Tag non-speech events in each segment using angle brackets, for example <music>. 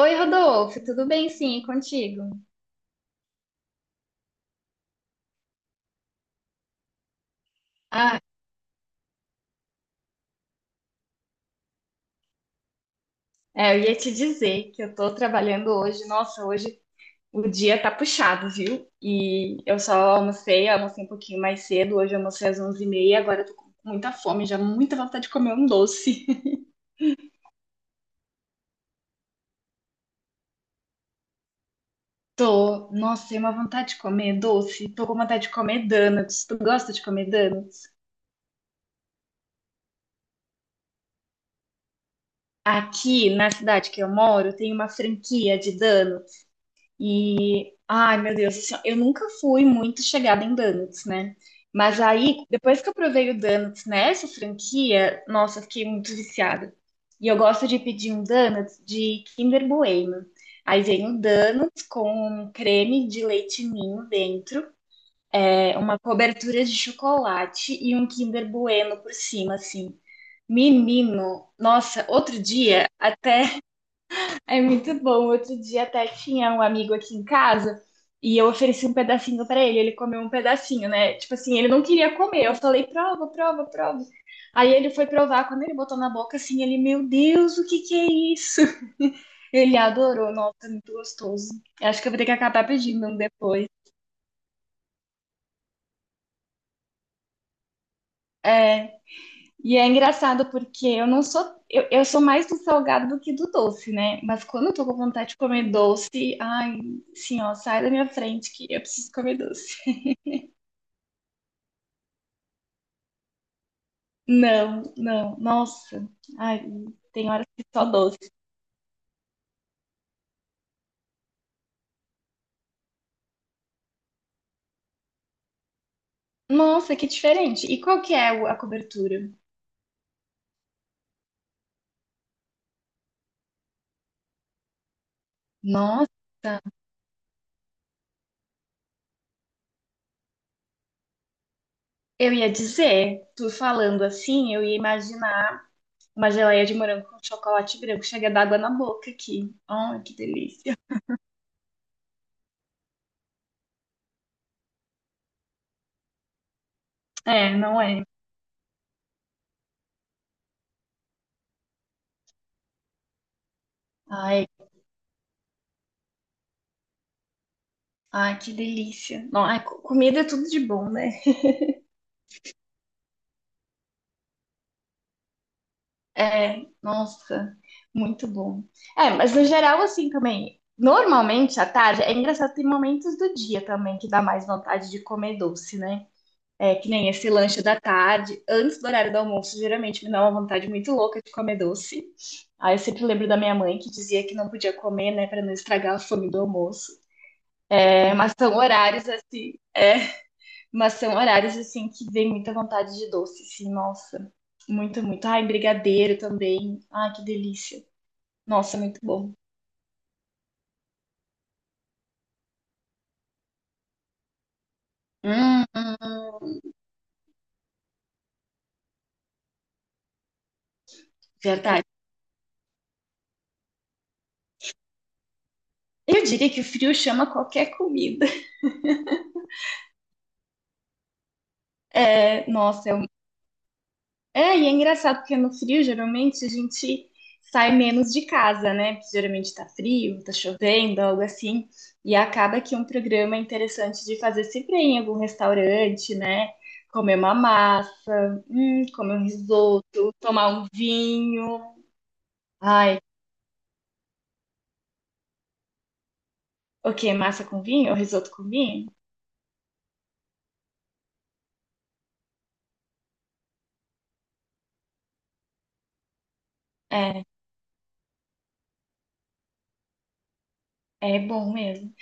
Oi, Rodolfo, tudo bem? Sim, e contigo? Ah, eu ia te dizer que eu tô trabalhando hoje. Nossa, hoje o dia tá puxado, viu? E eu só almocei um pouquinho mais cedo. Hoje eu almocei às 11h30. Agora eu tô com muita fome, já muita vontade de comer um doce. <laughs> Tô, nossa, tem uma vontade de comer doce. Tô com vontade de comer donuts. Tu gosta de comer donuts? Aqui na cidade que eu moro, tem uma franquia de donuts. E, ai, meu Deus, assim, ó, eu nunca fui muito chegada em donuts, né? Mas aí, depois que eu provei o donuts nessa franquia, nossa, eu fiquei muito viciada. E eu gosto de pedir um donuts de Kinder Bueno. Aí vem o donuts com creme de leite ninho dentro, uma cobertura de chocolate e um Kinder Bueno por cima, assim. Menino, nossa, outro dia até é muito bom. Outro dia até tinha um amigo aqui em casa e eu ofereci um pedacinho pra ele. Ele comeu um pedacinho, né? Tipo assim, ele não queria comer. Eu falei, prova, prova, prova. Aí ele foi provar. Quando ele botou na boca, assim, ele, meu Deus, o que que é isso? <laughs> Ele adorou. Nossa, muito gostoso. Eu acho que eu vou ter que acabar pedindo um depois. É. E é engraçado porque eu não sou, eu sou mais do salgado do que do doce, né? Mas quando eu tô com vontade de comer doce, ai, sim, ó, sai da minha frente que eu preciso comer doce. <laughs> Não, não, nossa, ai, tem horas que só doce. Nossa, que diferente. E qual que é a cobertura? Nossa, eu ia dizer, tu falando assim, eu ia imaginar uma geleia de morango com chocolate branco, chega d'água na boca aqui. Ai, que delícia. É, não é? Ai, Ai, que delícia. Não, ai, comida é tudo de bom, né? É, nossa, muito bom. É, mas no geral, assim também, normalmente à tarde, é engraçado, tem momentos do dia também que dá mais vontade de comer doce, né? É, que nem esse lanche da tarde, antes do horário do almoço, geralmente me dá uma vontade muito louca de comer doce. Aí eu sempre lembro da minha mãe que dizia que não podia comer, né, para não estragar a fome do almoço. É, mas são horários assim. Mas são horários assim que vem muita vontade de doce, assim, nossa. Muito, muito. Ai, brigadeiro também. Ai, que delícia. Nossa, muito bom. Hum, hum, verdade. Eu diria que o frio chama qualquer comida. É, nossa, e é engraçado porque no frio geralmente a gente sai menos de casa, né? Porque geralmente tá frio, tá chovendo, algo assim. E acaba que um programa interessante de fazer sempre é em algum restaurante, né? Comer uma massa, comer um risoto, tomar um vinho. Ai, o quê? Massa com vinho? Risoto com vinho? É, é bom mesmo.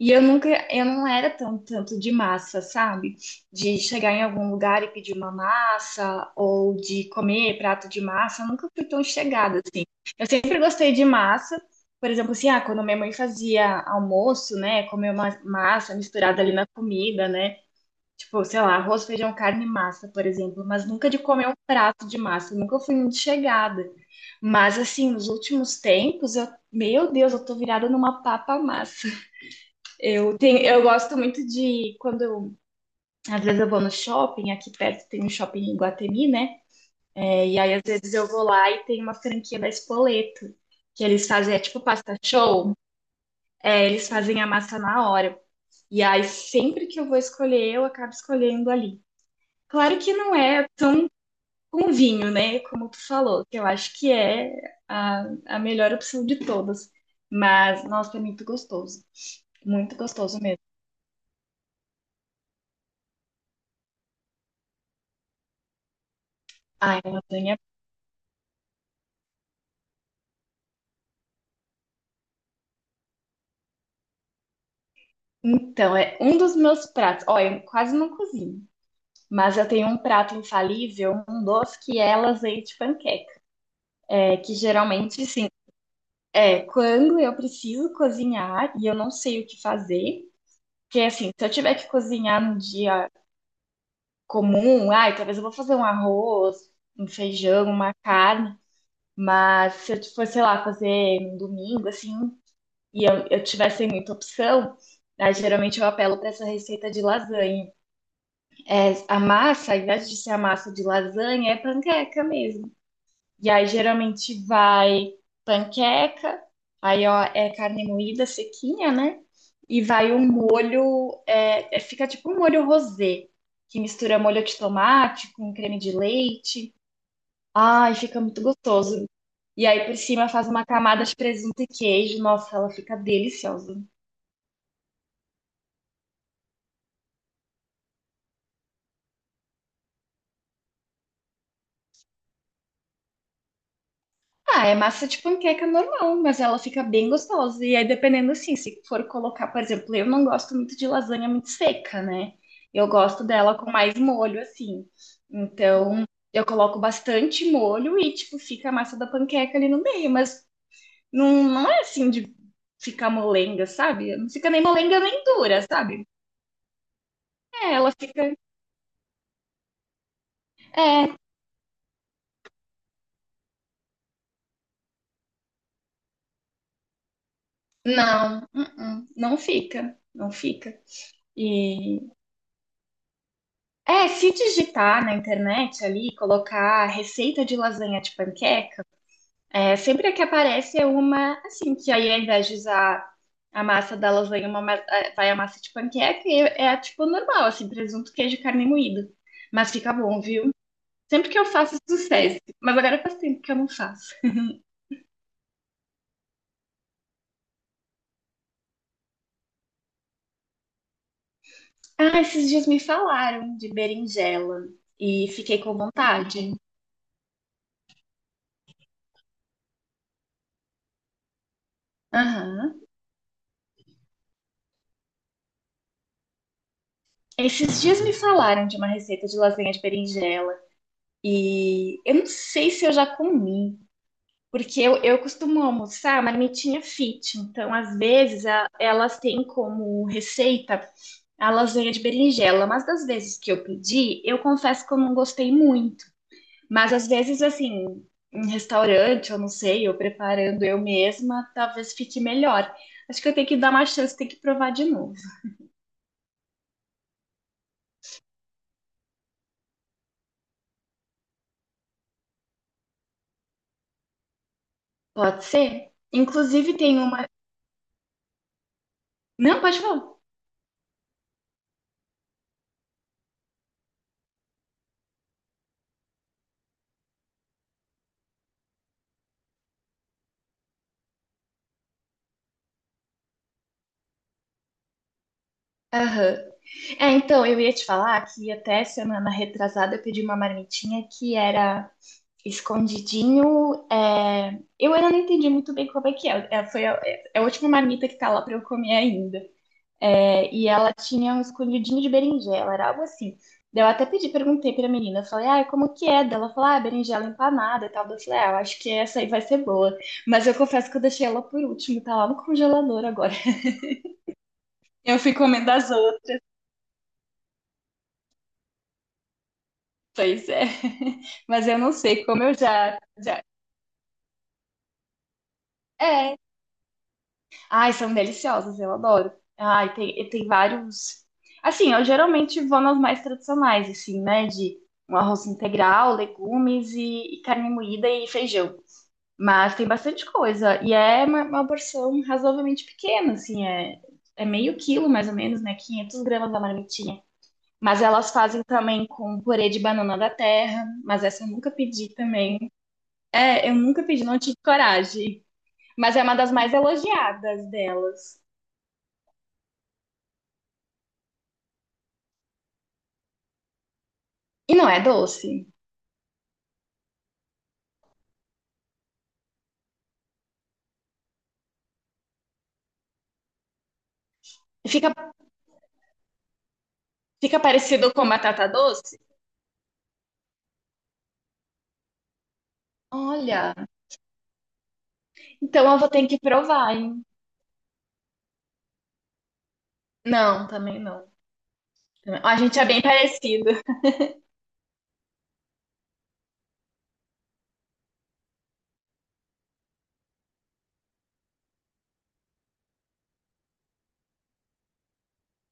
E eu não era tão, tanto de massa, sabe? De chegar em algum lugar e pedir uma massa, ou de comer prato de massa, eu nunca fui tão chegada assim. Eu sempre gostei de massa. Por exemplo, assim, ah, quando minha mãe fazia almoço, né, comer uma massa misturada ali na comida, né? Tipo, sei lá, arroz, feijão, carne e massa, por exemplo, mas nunca de comer um prato de massa, nunca fui muito chegada. Mas assim, nos últimos tempos, eu, meu Deus, eu tô virada numa papa massa. <laughs> Eu gosto muito de quando às vezes eu vou no shopping, aqui perto tem um shopping em Guatemi, né? É, e aí às vezes eu vou lá e tem uma franquia da Spoleto, que eles fazem, é tipo pasta show, eles fazem a massa na hora. E aí sempre que eu vou escolher, eu acabo escolhendo ali. Claro que não é tão com vinho, né? Como tu falou, que eu acho que é a, a melhor opção de todas. Mas, nossa, é muito gostoso. Muito gostoso mesmo. Ai, lasanha. Então, é um dos meus pratos. Olha, eu quase não cozinho. Mas eu tenho um prato infalível, um doce que é lasanha de panqueca. É que geralmente, assim, é quando eu preciso cozinhar e eu não sei o que fazer. Porque, assim, se eu tiver que cozinhar num dia comum, ai, talvez eu vou fazer um arroz, um feijão, uma carne, mas se eu for, sei lá, fazer um domingo, assim, e eu tivesse muita opção, né, geralmente eu apelo para essa receita de lasanha. É, a massa, ao invés de ser a massa de lasanha, é panqueca mesmo. E aí geralmente vai panqueca, aí ó, é carne moída sequinha, né? E vai um molho, fica tipo um molho rosé, que mistura molho de tomate com creme de leite. Ai, fica muito gostoso. E aí por cima faz uma camada de presunto e queijo. Nossa, ela fica deliciosa. Ah, é massa de panqueca normal, mas ela fica bem gostosa. E aí, dependendo assim, se for colocar, por exemplo, eu não gosto muito de lasanha muito seca, né? Eu gosto dela com mais molho, assim. Então, eu coloco bastante molho e, tipo, fica a massa da panqueca ali no meio, mas não, não é assim de ficar molenga, sabe? Não fica nem molenga nem dura, sabe? É, ela fica. É, não, uh-uh, não fica, não fica. E É, se digitar na internet ali, colocar receita de lasanha de panqueca, é, sempre a que aparece é uma, assim, que aí ao invés de usar a massa da lasanha, vai a massa de panqueca e é tipo normal, assim, presunto, queijo, carne moída. Mas fica bom, viu? Sempre que eu faço, sucesso. Mas agora faz tempo que eu não faço. Ah, esses dias me falaram de berinjela e fiquei com vontade. Aham. Esses dias me falaram de uma receita de lasanha de berinjela. E eu não sei se eu já comi, porque eu costumo almoçar marmitinha fit, então às vezes elas têm como receita a lasanha de berinjela, mas das vezes que eu pedi, eu confesso que eu não gostei muito. Mas às vezes, assim, em restaurante, eu não sei, eu preparando eu mesma, talvez fique melhor. Acho que eu tenho que dar uma chance, tenho que provar de novo. Pode ser? Inclusive tem uma. Não, pode falar. Aham. É, então, eu ia te falar que até semana retrasada eu pedi uma marmitinha que era escondidinho. Eu ainda não entendi muito bem como é que é. É, é a última marmita que tá lá pra eu comer ainda. É, e ela tinha um escondidinho de berinjela, era algo assim. Daí eu até pedi, perguntei pra menina, eu falei, ah, como que é? Daí ela falou, ah, berinjela empanada e tal. Daí eu falei, ah, eu acho que essa aí vai ser boa. Mas eu confesso que eu deixei ela por último, tá lá no congelador agora. Eu fui comendo as outras. Pois é. <laughs> Mas eu não sei como eu já, já... É. Ai, são deliciosas, eu adoro. Ai, tem vários. Assim, eu geralmente vou nas mais tradicionais, assim, né? De um arroz integral, legumes e carne moída e feijão. Mas tem bastante coisa. E é uma porção razoavelmente pequena, assim, é meio quilo, mais ou menos, né? 500 gramas da marmitinha. Mas elas fazem também com purê de banana da terra, mas essa eu nunca pedi também. É, eu nunca pedi, não tive coragem. Mas é uma das mais elogiadas delas. E não é doce. Fica, fica parecido com batata doce? Olha, então eu vou ter que provar, hein? Não, também não. A gente é bem parecido.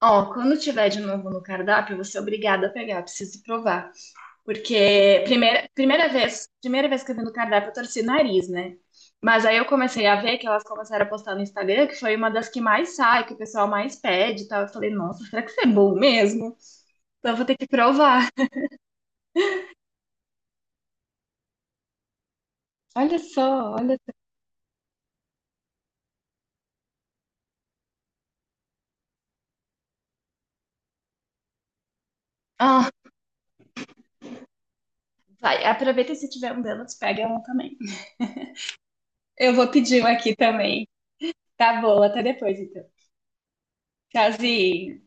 Ó, quando tiver de novo no cardápio, você é obrigada a pegar, preciso provar. Porque primeira vez que eu vi no cardápio, eu torci o nariz, né? Mas aí eu comecei a ver que elas começaram a postar no Instagram, que foi uma das que mais sai, que o pessoal mais pede e tal. Eu falei, nossa, será que isso é bom mesmo? Então eu vou ter que provar. Olha só, olha só. Ah, vai, aproveita e se tiver um delas, pega um também. Eu vou pedir um aqui também. Tá bom, até depois então. Tchauzinho.